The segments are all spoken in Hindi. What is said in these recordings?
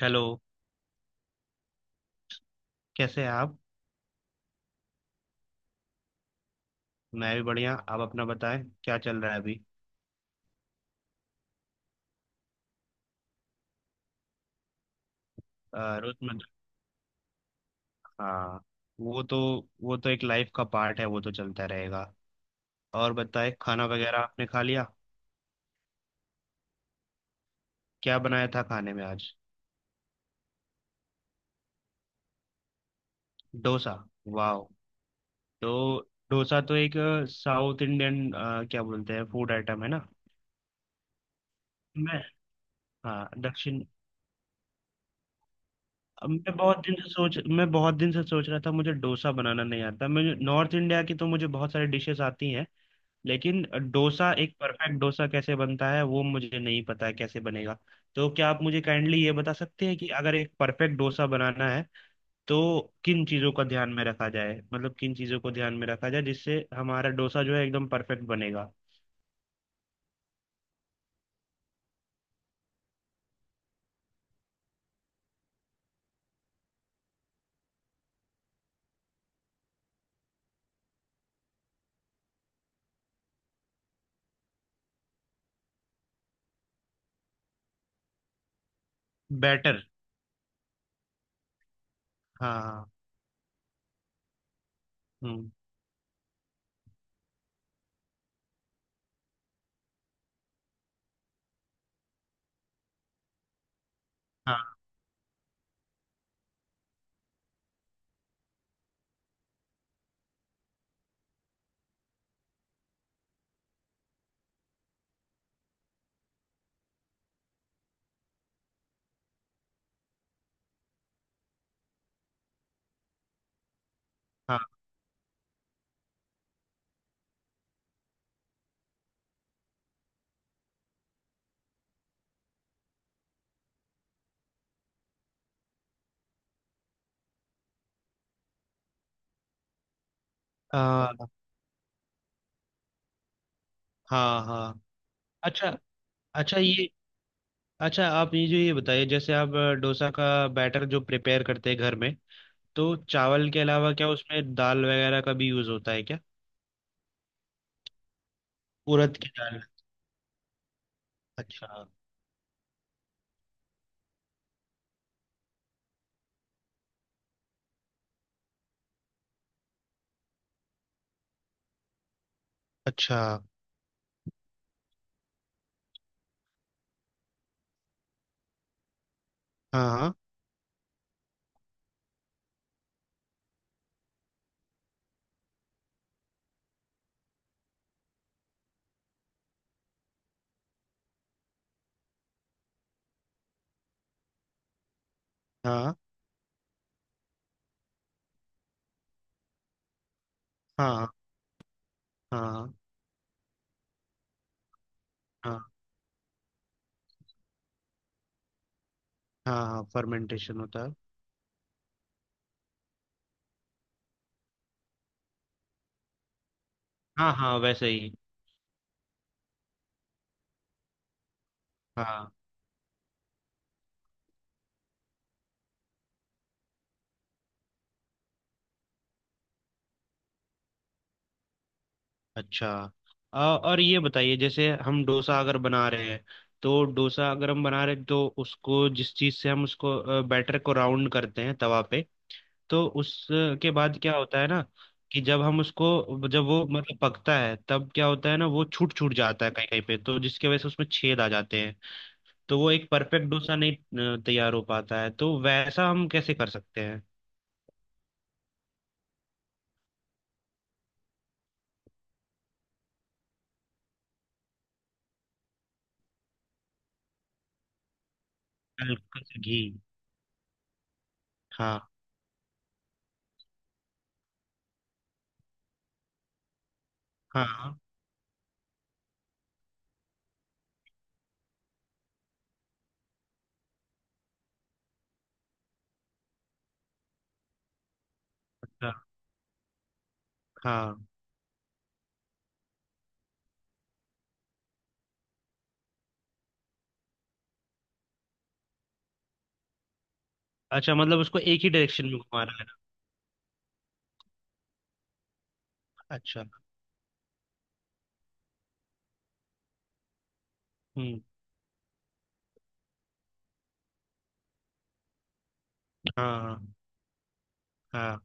हेलो। कैसे हैं आप? मैं भी बढ़िया। आप अपना बताएं, क्या चल रहा है अभी? रोजमर्रा। हाँ। वो तो वो तो एक लाइफ का पार्ट है, वो तो चलता रहेगा। और बताएं, खाना वगैरह आपने खा लिया? क्या बनाया था खाने में आज? डोसा। वाह। तो डोसा तो एक साउथ इंडियन, क्या बोलते हैं, फूड आइटम है ना। मैं। हाँ, दक्षिण। मैं बहुत दिन से सोच रहा था, मुझे डोसा बनाना नहीं आता। मुझे नॉर्थ इंडिया की तो मुझे बहुत सारी डिशेस आती हैं। लेकिन डोसा, एक परफेक्ट डोसा कैसे बनता है वो मुझे नहीं पता है, कैसे बनेगा। तो क्या आप मुझे काइंडली ये बता सकते हैं कि अगर एक परफेक्ट डोसा बनाना है तो किन चीज़ों को ध्यान में रखा जाए जिससे हमारा डोसा जो है एकदम परफेक्ट बनेगा? बैटर। हाँ। हम्म। हाँ, हाँ, हाँ, हाँ, हाँ। अच्छा। अच्छा, ये... अच्छा, आप ये जो ये बताइए, जैसे आप डोसा का बैटर जो प्रिपेयर करते हैं घर में, तो चावल के अलावा क्या उसमें दाल वगैरह का भी यूज़ होता है क्या? उड़द की दाल। अच्छा। अच्छा। हाँ, हाँ, हाँ, हाँ, हाँ, हाँ। फर्मेंटेशन होता है। हाँ, हाँ, वैसे ही। हाँ। अच्छा। और ये बताइए, जैसे हम डोसा अगर बना रहे हैं तो डोसा अगर हम बना रहे हैं तो उसको, जिस चीज़ से हम उसको बैटर को राउंड करते हैं तवा पे, तो उसके बाद क्या होता है ना, कि जब हम उसको, जब वो मतलब पकता है, तब क्या होता है ना, वो छूट छूट जाता है कहीं कहीं पे, तो जिसकी वजह से उसमें छेद आ जाते हैं। तो वो एक परफेक्ट डोसा नहीं तैयार हो पाता है, तो वैसा हम कैसे कर सकते हैं? हल्का सा घी। हाँ, हाँ, हाँ, हाँ। अच्छा, मतलब उसको एक ही डायरेक्शन में घुमा रहा है ना। अच्छा। हम्म। हाँ, हाँ,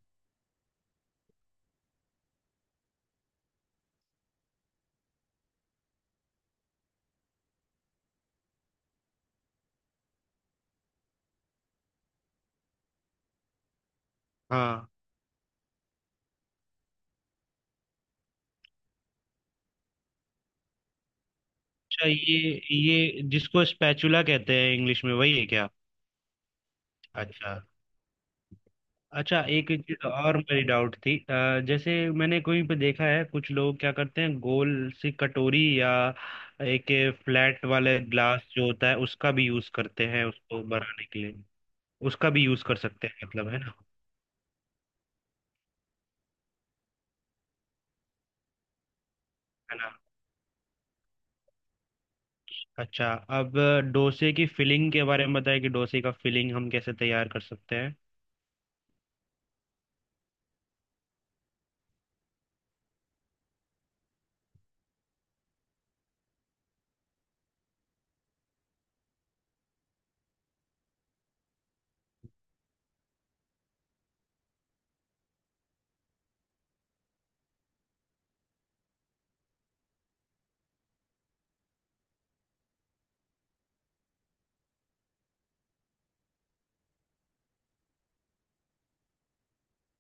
हाँ। अच्छा, ये जिसको स्पैचुला कहते हैं इंग्लिश में, वही है क्या? अच्छा। अच्छा, एक चीज और मेरी डाउट थी, जैसे, मैंने कहीं पे देखा है, कुछ लोग क्या करते हैं, गोल सी कटोरी या एक फ्लैट वाले ग्लास जो होता है उसका भी यूज करते हैं उसको बनाने के लिए। उसका भी यूज कर सकते हैं मतलब, है ना? है ना? अच्छा। अब डोसे की फिलिंग के बारे में बताएं कि डोसे का फिलिंग हम कैसे तैयार कर सकते हैं।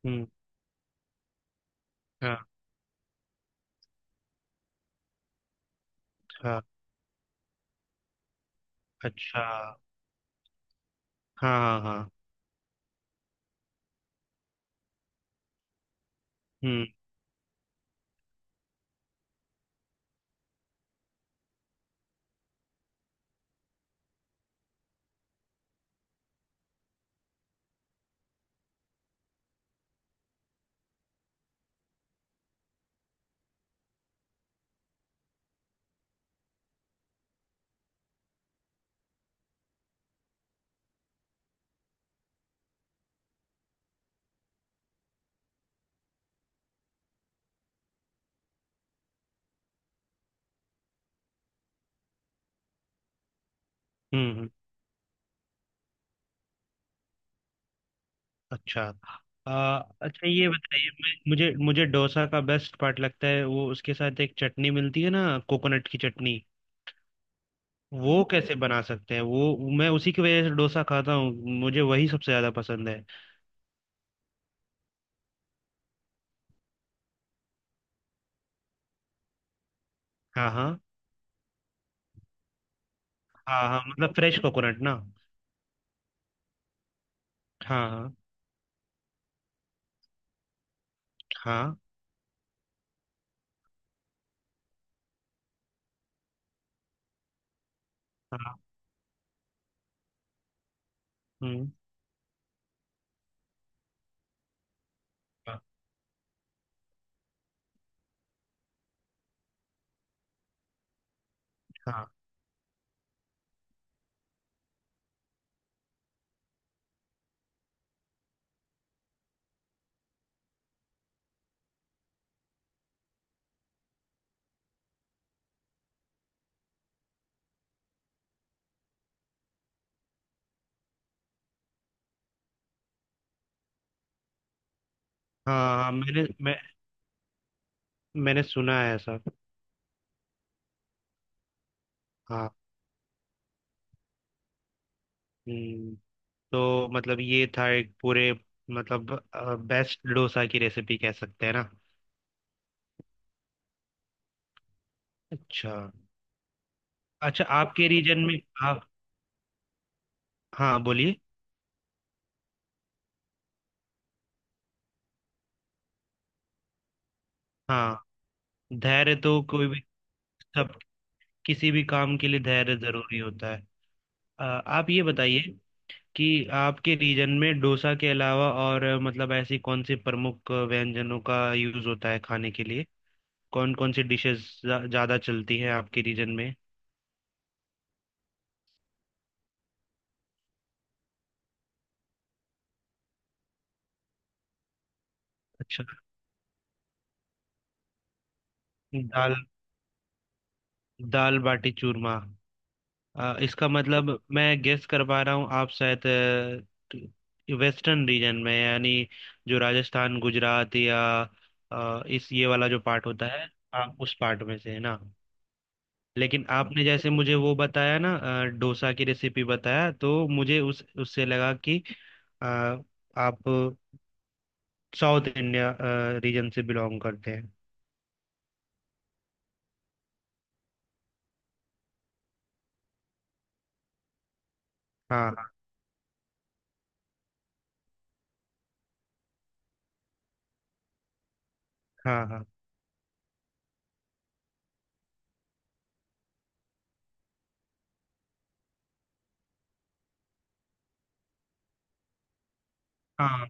हम्म। हाँ, हाँ। अच्छा। हाँ, हाँ, हाँ। हम्म, हम्म। अच्छा। आ, अच्छा, ये बताइए, मैं- मुझे मुझे डोसा का बेस्ट पार्ट लगता है वो, उसके साथ एक चटनी मिलती है ना, कोकोनट की चटनी। वो कैसे बना सकते हैं? वो, मैं उसी की वजह से डोसा खाता हूँ। मुझे वही सबसे ज्यादा पसंद है। हाँ, हाँ। हाँ, हाँ, मतलब फ्रेश कोकोनट ना। हाँ, हाँ। हाँ, हाँ। हम्म। हाँ। हाँ, हाँ, हाँ, मैंने सुना है ऐसा। हाँ। हम्म। तो मतलब ये था एक पूरे, मतलब बेस्ट डोसा की रेसिपी, कह सकते हैं ना। अच्छा। अच्छा, आपके रीजन में... हाँ। हाँ, बोलिए। हाँ। धैर्य तो कोई भी सब किसी भी काम के लिए धैर्य जरूरी होता है। आप ये बताइए कि आपके रीजन में डोसा के अलावा और मतलब ऐसी कौन से प्रमुख व्यंजनों का यूज होता है खाने के लिए? कौन कौन सी डिशेस ज्यादा चलती हैं आपके रीजन में? अच्छा। दाल दाल बाटी चूरमा। इसका मतलब, मैं गेस कर पा रहा हूँ, आप शायद वेस्टर्न रीजन में, यानी जो राजस्थान, गुजरात या इस, ये वाला जो पार्ट होता है, आप उस पार्ट में से है ना? लेकिन आपने जैसे मुझे वो बताया ना, डोसा की रेसिपी बताया, तो मुझे उस उससे लगा कि अ, आप साउथ इंडिया रीजन से बिलोंग करते हैं। हाँ, हाँ, हाँ, हाँ। हाँ,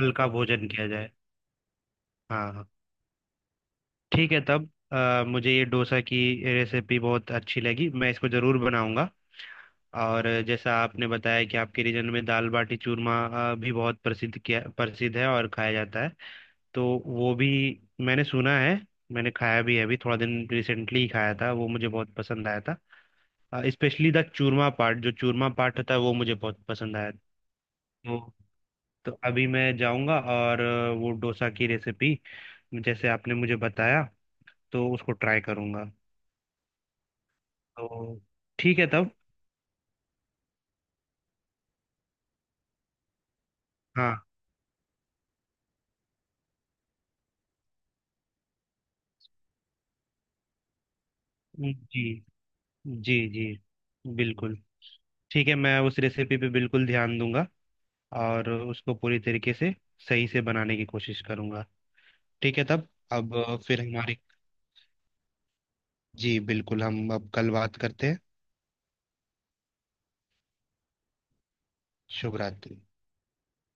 हल्का भोजन किया जाए। हाँ, हाँ। ठीक है तब, मुझे ये डोसा की रेसिपी बहुत अच्छी लगी, मैं इसको ज़रूर बनाऊंगा। और जैसा आपने बताया कि आपके रीजन में दाल बाटी चूरमा भी बहुत प्रसिद्ध है और खाया जाता है। तो वो भी मैंने सुना है, मैंने खाया भी है, अभी थोड़ा दिन रिसेंटली ही खाया था, वो मुझे बहुत पसंद आया था। स्पेशली द चूरमा पार्ट, जो चूरमा पार्ट होता है, वो मुझे बहुत पसंद आया था। तो तो अभी मैं जाऊंगा और वो डोसा की रेसिपी जैसे आपने मुझे बताया, तो उसको ट्राई करूंगा। तो ठीक है तब। हाँ जी, जी, जी, बिल्कुल। ठीक है, मैं उस रेसिपी पे बिल्कुल ध्यान दूंगा और उसको पूरी तरीके से सही से बनाने की कोशिश करूंगा। ठीक है तब। अब फिर हमारी... जी बिल्कुल, हम अब कल बात करते हैं। शुभ रात्रि।